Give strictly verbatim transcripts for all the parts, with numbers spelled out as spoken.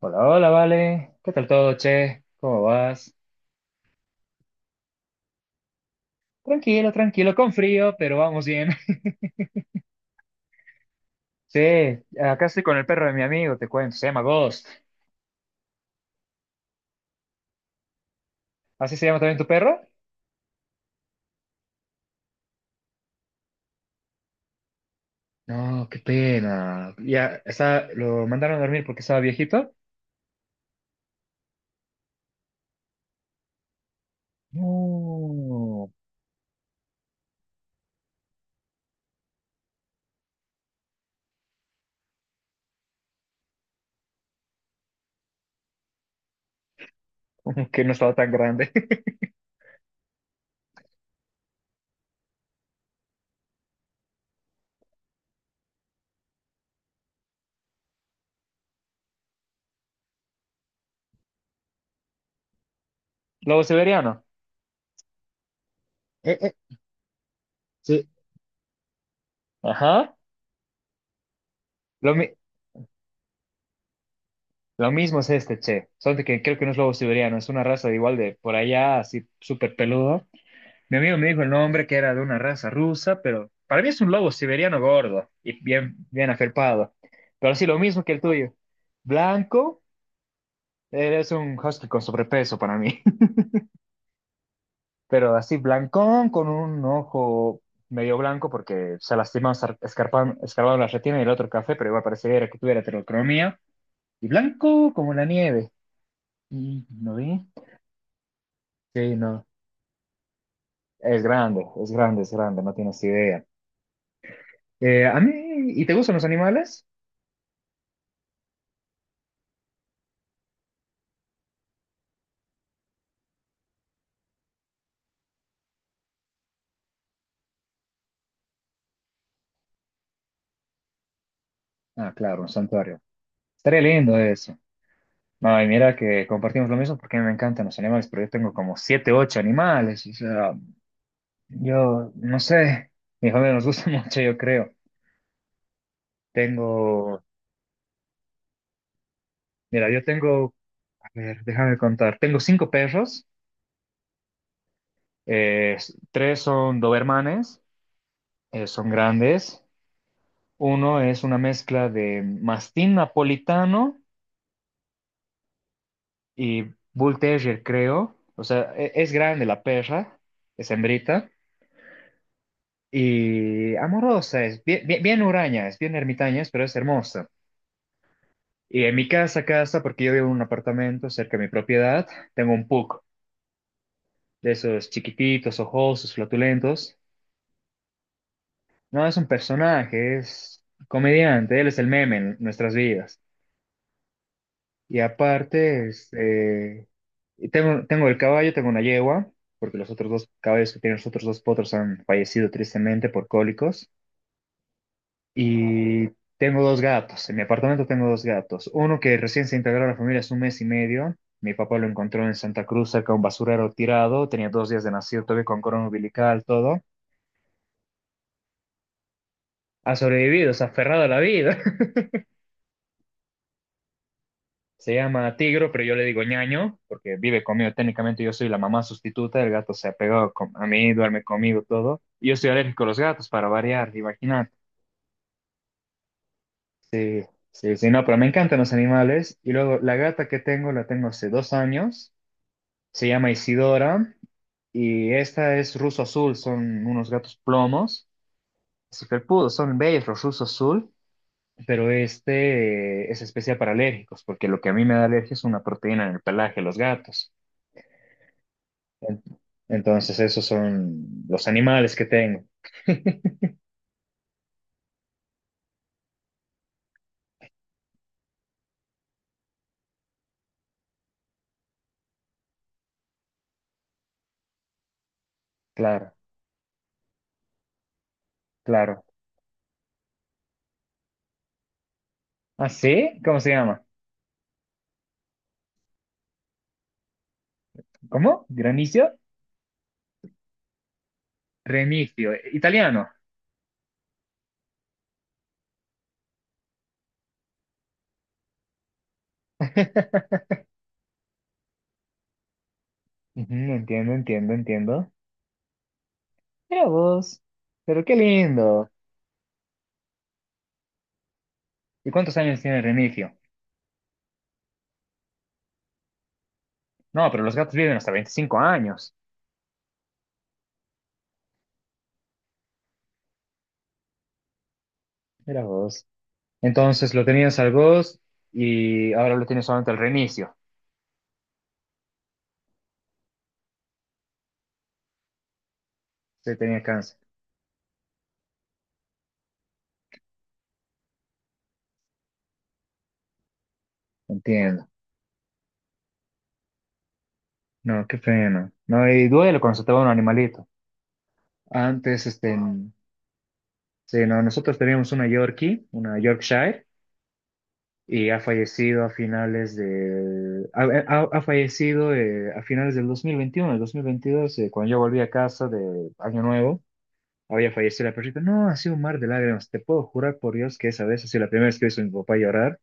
Hola, hola, vale. ¿Qué tal todo, che? ¿Cómo vas? Tranquilo, tranquilo, con frío, pero vamos bien. Sí, acá estoy con el perro de mi amigo, te cuento, se llama Ghost. ¿Así se llama también tu perro? No, qué pena. Ya, está, lo mandaron a dormir porque estaba viejito. No, que no estaba tan grande. Lobo siberiano. Eh, eh, sí. Ajá. Lo, mi- lo mismo es este, che. Solo que creo que no es lobo siberiano, es una raza de igual de por allá, así súper peludo. Mi amigo me dijo el nombre, que era de una raza rusa, pero para mí es un lobo siberiano gordo y bien, bien afelpado. Pero sí, lo mismo que el tuyo. Blanco, eres un husky con sobrepeso para mí. Pero así, blancón, con un ojo medio blanco porque se lastimó sar- escarpan- escarbando la retina y el otro café, pero igual pareciera que tuviera heterocromía. Y blanco como la nieve. Y no vi. Sí, no. Es grande, es grande, es grande, no tienes idea. Eh, a mí, ¿y te gustan los animales? Ah, claro, un santuario. Estaría lindo eso. No, y mira que compartimos lo mismo porque a mí me encantan los animales, pero yo tengo como siete, ocho animales. O sea, yo no sé. Mi familia nos gusta mucho, yo creo. Tengo, mira, yo tengo, a ver, déjame contar. Tengo cinco perros. Eh, s- tres son dobermanes, eh, son grandes. Uno es una mezcla de mastín napolitano y bull terrier, creo. O sea, e- es grande la perra, es hembrita. Y amorosa, es bien, bien, bien huraña, es bien ermitaña, pero es hermosa. Y en mi casa, casa, porque yo vivo en un apartamento cerca de mi propiedad, tengo un pug, de esos chiquititos, ojosos, flatulentos. No, es un personaje, es comediante, él es el meme en nuestras vidas. Y aparte, es, eh, y tengo, tengo el caballo, tengo una yegua, porque los otros dos caballos que tienen los otros dos potros han fallecido tristemente por cólicos. Y tengo dos gatos. En mi apartamento tengo dos gatos. Uno que recién se integró a la familia hace un mes y medio. Mi papá lo encontró en Santa Cruz, cerca de un basurero tirado. Tenía dos días de nacido, todavía con corona umbilical, todo. Ha sobrevivido, se ha aferrado a la vida. Se llama Tigro, pero yo le digo ñaño, porque vive conmigo. Técnicamente yo soy la mamá sustituta. El gato se ha pegado con- a mí, duerme conmigo, todo. Y yo soy alérgico a los gatos, para variar, imagínate. Sí, sí, sí, no, pero me encantan los animales. Y luego la gata que tengo, la tengo hace dos años. Se llama Isidora y esta es ruso azul, son unos gatos plomos, así felpudos, son bellos los ruso azul, pero este eh, es especial para alérgicos, porque lo que a mí me da alergia es una proteína en el pelaje de los gatos. En- Entonces esos son los animales que tengo, claro, claro. ¿Ah, sí? ¿Cómo se llama? ¿Cómo? ¿Granicio? Remigio, eh, italiano. Ujú, entiendo, entiendo, entiendo. Mira vos, pero qué lindo. ¿Y cuántos años tiene Remigio? No, pero los gatos viven hasta veinticinco años. Mira vos. Entonces lo tenías al Ghost y ahora lo tienes solamente al reinicio. Se tenía cáncer. Entiendo. No, qué pena. No, y duele cuando se te va un animalito. Antes, este, en- sí, no, nosotros teníamos una Yorkie, una Yorkshire, y ha fallecido a finales de, ha, ha- ha fallecido eh, a finales del dos mil veintiuno, el dos mil veintidós, eh, cuando yo volví a casa de Año Nuevo. Había fallecido la perrita. No, ha sido un mar de lágrimas. Te puedo jurar por Dios que esa vez ha sido la primera vez que he visto a mi papá llorar,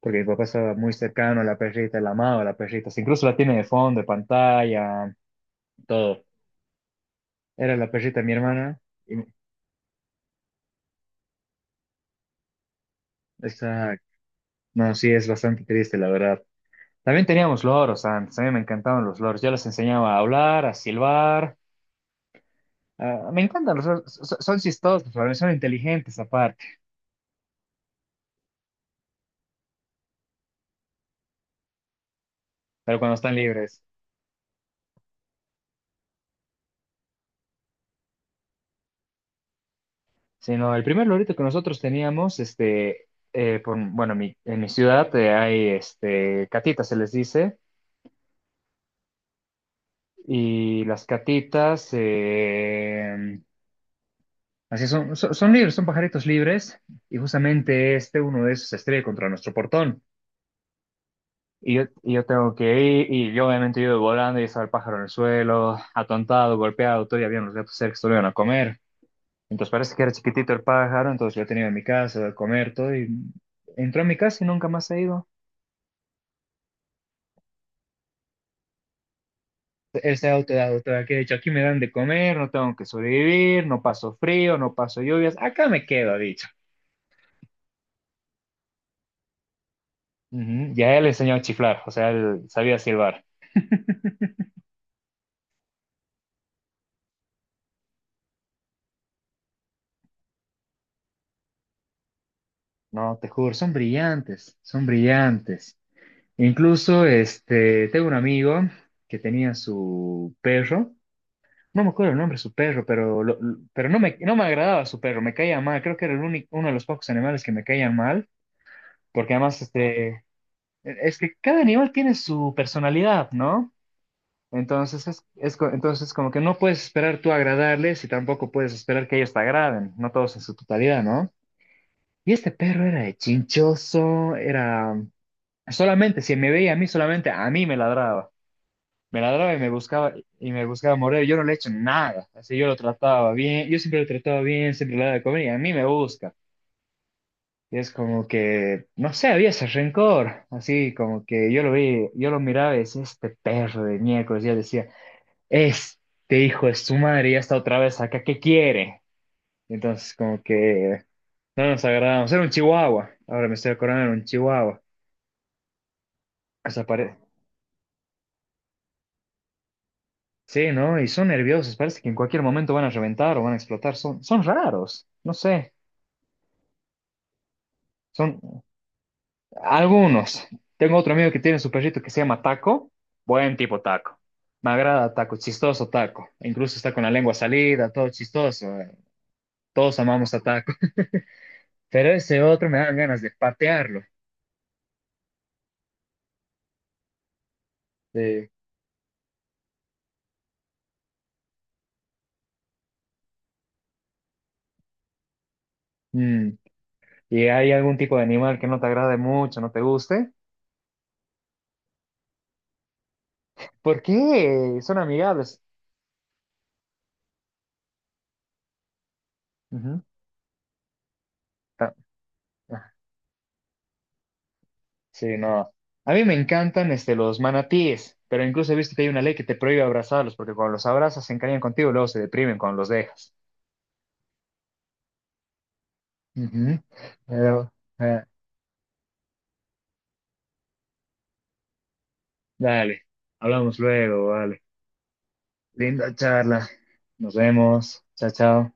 porque mi papá estaba muy cercano a la perrita, la amaba a la perrita. Incluso la tiene de fondo, de pantalla, todo. Era la perrita de mi hermana. Y esa... No, sí, es bastante triste, la verdad. También teníamos loros antes. A mí me encantaban los loros. Yo les enseñaba a hablar, a silbar. Ah, me encantan los loros. Son, son chistosos, son inteligentes aparte, pero cuando están libres. Sino el primer lorito que nosotros teníamos, este, eh, por- bueno, mi- en mi ciudad eh, hay este, catitas, se les dice, y las catitas, eh, así son, son, son libres, son pajaritos libres, y justamente este, uno de esos, se estrella contra nuestro portón. Y yo, y yo tengo que ir, y yo obviamente yo volando, y estaba el pájaro en el suelo, atontado, golpeado, todavía había unos gatos cerca que se lo iban a comer. Entonces parece que era chiquitito el pájaro, entonces lo tenía en mi casa, a comer todo, y entró a mi casa y nunca más ha ido. Él se ha autodidacta, que de hecho aquí me dan de comer, no tengo que sobrevivir, no paso frío, no paso lluvias, acá me quedo, ha dicho. Ujú, ya él enseñó a chiflar, o sea, él sabía silbar. No, te juro, son brillantes, son brillantes. Incluso, este, tengo un amigo que tenía su perro, no me acuerdo el nombre de su perro, pero, lo- lo- pero no me, no me agradaba su perro, me caía mal, creo que era el único, uno de los pocos animales que me caían mal, porque además, este, es que cada animal tiene su personalidad, ¿no? Entonces, es, es co- entonces como que no puedes esperar tú agradarles y tampoco puedes esperar que ellos te agraden, no todos en su totalidad, ¿no? Y este perro era de chinchoso, era solamente, si me veía a mí, solamente a mí me ladraba. Me ladraba y me buscaba y me buscaba morder. Yo no le he hecho nada. Así yo lo trataba bien, yo siempre lo trataba bien, siempre le daba de comer y a mí me busca. Y es como que, no sé, había ese rencor. Así como que yo lo vi, yo lo miraba y decía, este perro de miércoles, ya decía. Este hijo de su madre ya está otra vez acá, ¿qué quiere? Entonces, como que no nos agradamos. Era un chihuahua, ahora me estoy acordando, era un chihuahua. O sea, pare- sí, ¿no? Y son nerviosos, parece que en cualquier momento van a reventar o van a explotar. Son, son raros, no sé, son algunos. Tengo otro amigo que tiene su perrito que se llama Taco. Buen tipo Taco. Me agrada Taco, chistoso Taco. Incluso está con la lengua salida, todo chistoso. Eh. Todos amamos a Taco. Pero ese otro me dan ganas de patearlo. Mm, ¿y hay algún tipo de animal que no te agrade mucho, no te guste? ¿Por qué? Son amigables. Ujú. Ah, sí, no. A mí me encantan este, los manatíes, pero incluso he visto que hay una ley que te prohíbe abrazarlos, porque cuando los abrazas se encariñan contigo y luego se deprimen cuando los dejas. Ujú. Pero, eh, dale, hablamos luego, vale. Linda charla. Nos vemos. Chao, chao.